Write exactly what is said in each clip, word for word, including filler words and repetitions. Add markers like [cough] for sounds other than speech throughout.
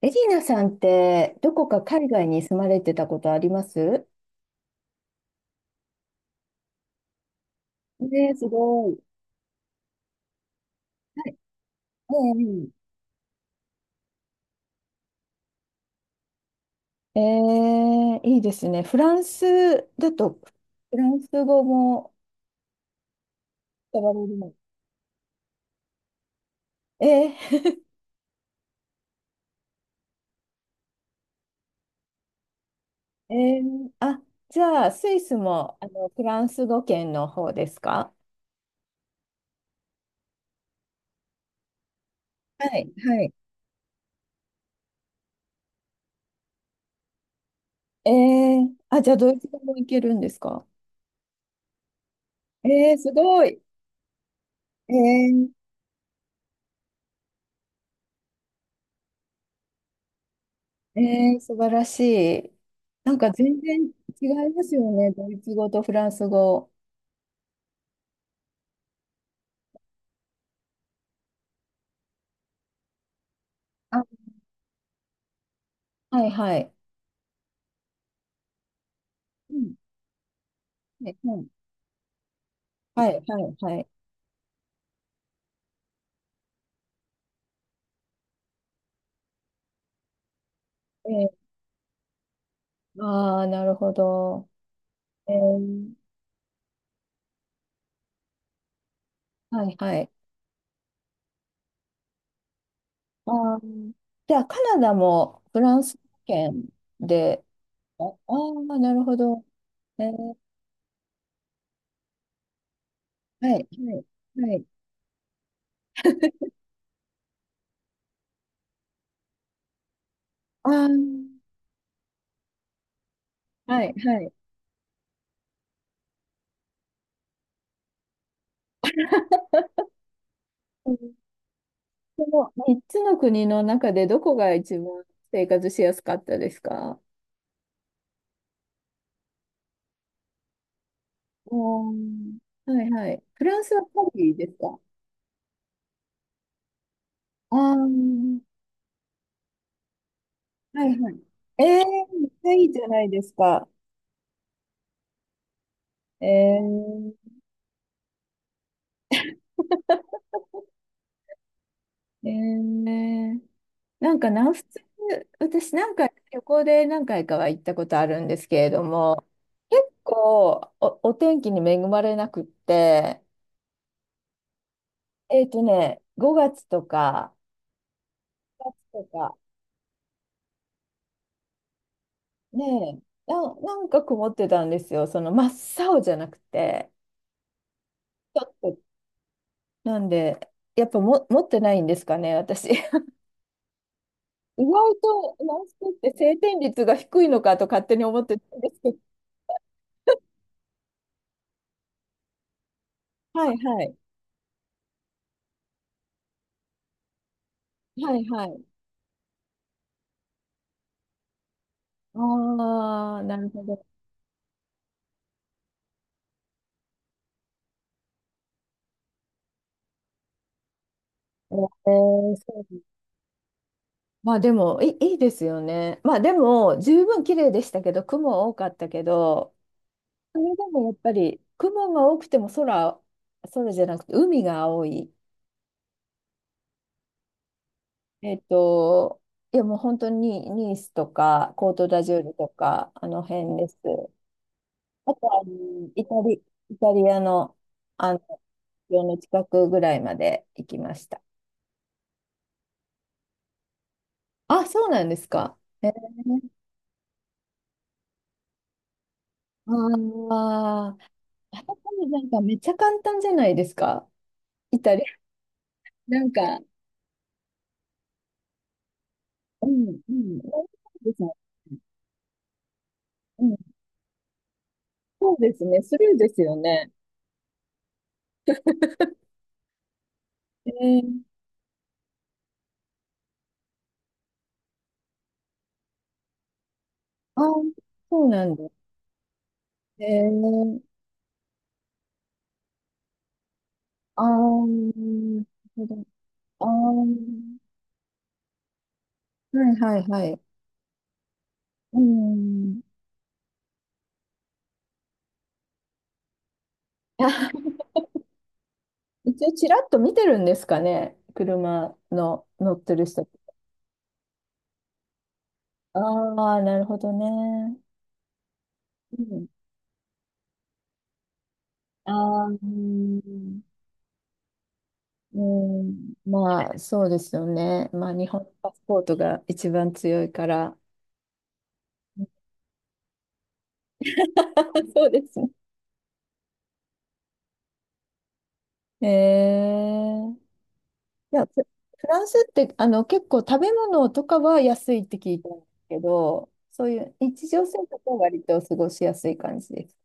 エリーナさんって、どこか海外に住まれてたことありますねえ、すごい。はい。ええええいいですね。フランスだと、フランス語も、使われるの。ええええあ、じゃあ、スイスも、あの、フランス語圏の方ですかはい、はい。ええあ、じゃあ、ドイツ語もいけるんですかええすごい。えええー、素晴らしい。なんか全然違いますよね、ドイツ語とフランス語。あ、はいはい。うん、ねうん、はいはいはい。えー、ああ、なるほど。えー、はいはい。あー、じゃあ、カナダもフランス圏で、ああー、なるほど。えー、はいはいはい。ああはいはい。うん、このみっつの国の中でどこが一番生活しやすかったですかおー、はいはい。フランスはパリですかああー、はいはい。ええー、めっちゃいいじゃないですか。えー、えー、なんか南仏、私なんか旅行で何回かは行ったことあるんですけれども、結構お、お天気に恵まれなくって、えっとね、ごがつとか、ろくとか、ねえ、な、なんか曇ってたんですよ。その真っ青じゃなくて。ちょっとなんで、やっぱも持ってないんですかね、私。[laughs] 意外とるラスって晴天率が低いのかと勝手に思ってたんですけど。はいはい。はいはい。ああ、なるほど。えー、そう、まあでもいい、いいですよね。まあでも、十分綺麗でしたけど、雲多かったけど、それでもやっぱり、雲が多くても空、空じゃなくて海が青い。えっと、いやもう本当にニースとか、コートダジュールとか、あの辺です。あとは、あの、イタリ、イタリアの、あの、国境の近くぐらいまで行きました。あ、そうなんですか。えー、ああ、あそこもなんかめっちゃ簡単じゃないですか。イタリア、なんか、うん、うん、そうですね。うん、そうですね、スルーですよね。えー、あー、そうなんだ。えー、あー、なるほど、あー、はいはいはい。うん。[laughs] 一応ちらっと見てるんですかね、車の乗ってる人。ああ、なるほどね。うん、ああ、うん、うん、まあ、そうですよね。まあ、日本のパスポートが一番強いから。[laughs] そうですね。ええ、いや、フフランスってあの結構食べ物とかは安いって聞いたんですけど、そういう日常生活は割と過ごしやすい感じです。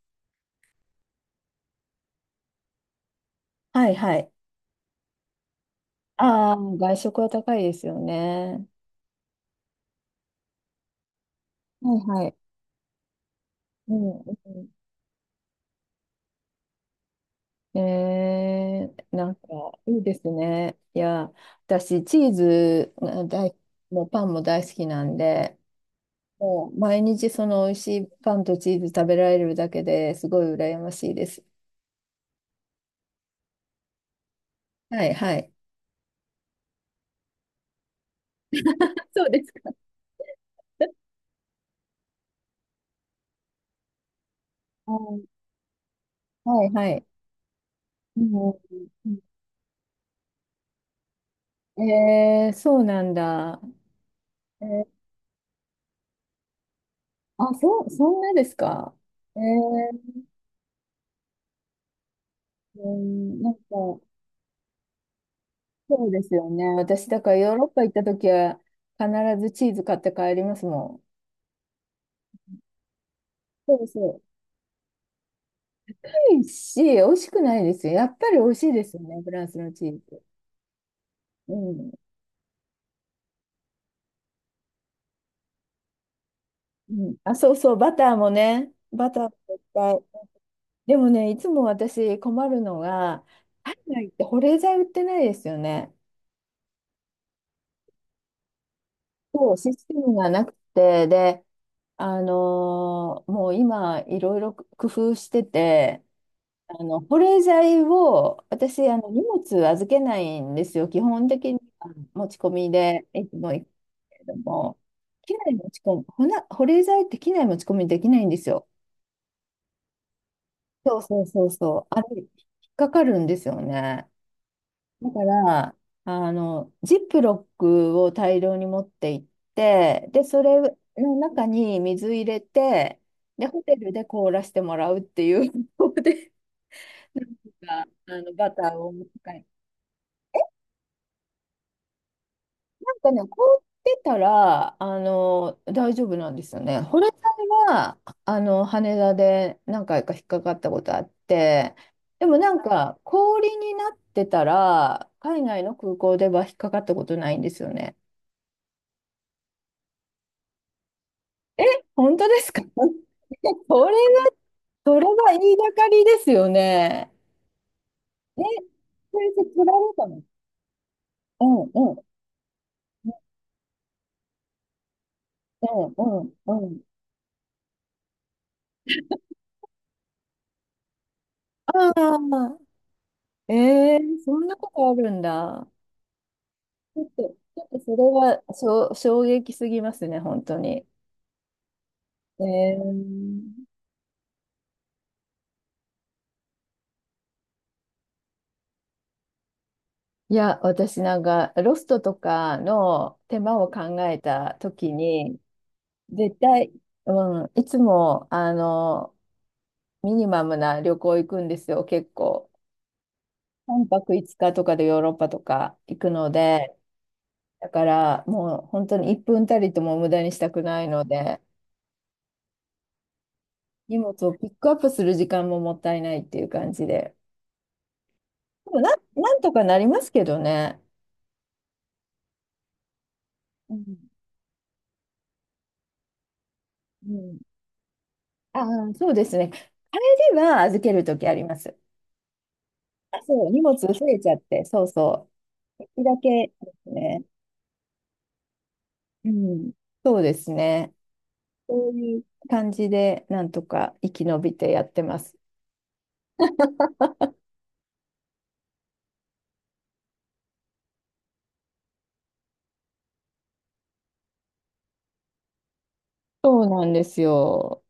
はいはい。ああ、外食は高いですよね。はいはい。うんうん。えー、なんか、いいですね。いや、私、チーズが大、もうパンも大好きなんで、もう毎日その美味しいパンとチーズ食べられるだけですごい羨ましいです。はい、はい。[laughs] そうですか。はいはいうん、えー、そうなんだ。えーあ、そう、そんなですか。えー、うん、なんか、そうですよね。私、だからヨーロッパ行った時は必ずチーズ買って帰りますもん。そうそう。美味いし、美味しくないですよ。やっぱり美味しいですよね、フランスのチーズ。うん。うん、あ、そうそう、バターもね。バターもいっぱい。でもね、いつも私困るのが、海外って保冷剤売ってないですよね。そう、システムがなくて、で、あのーもう今、いろいろ工夫してて、あの保冷剤を、私、あの荷物預けないんですよ、基本的には持ち込みでいつも行くけれども、機内持ち込むほな保冷剤って機内持ち込みできないんですよ、そうそうそうそう、あれ引っかかるんですよね、だから、あのジップロックを大量に持って行って、でそれの中に水入れて、でホテルで凍らせてもらうっていう方法で、なんかあのバターを。なんかね、凍ってたら、あの、大丈夫なんですよね。保冷剤は、あの、羽田で何回か引っかかったことあって、でもなんか、氷になってたら、海外の空港では引っかかったことないんですよね。え、本当ですか [laughs] それは、それは言いがかりですよね。え、それで取られたのうんうん。うんうんうん。ああ、えー、そんなことあるんだ。ちょっと、ちょっとそれはしょ衝撃すぎますね、本当に。えーいや、私なんか、ロストとかの手間を考えたときに、絶対、うん、いつも、あの、ミニマムな旅行行くんですよ、結構。さんぱくいつかとかでヨーロッパとか行くので、だからもう本当にいっぷんたりとも無駄にしたくないので、荷物をピックアップする時間ももったいないっていう感じで。でもなん、なんとかなりますけどね。うん、うん、ああ、そうですね。あれでは預けるときあります。あ、そう、荷物増えちゃって、そうそう。一だけですね。うん、そうですね。そういう感じで、なんとか生き延びてやってます。そうなんですよ。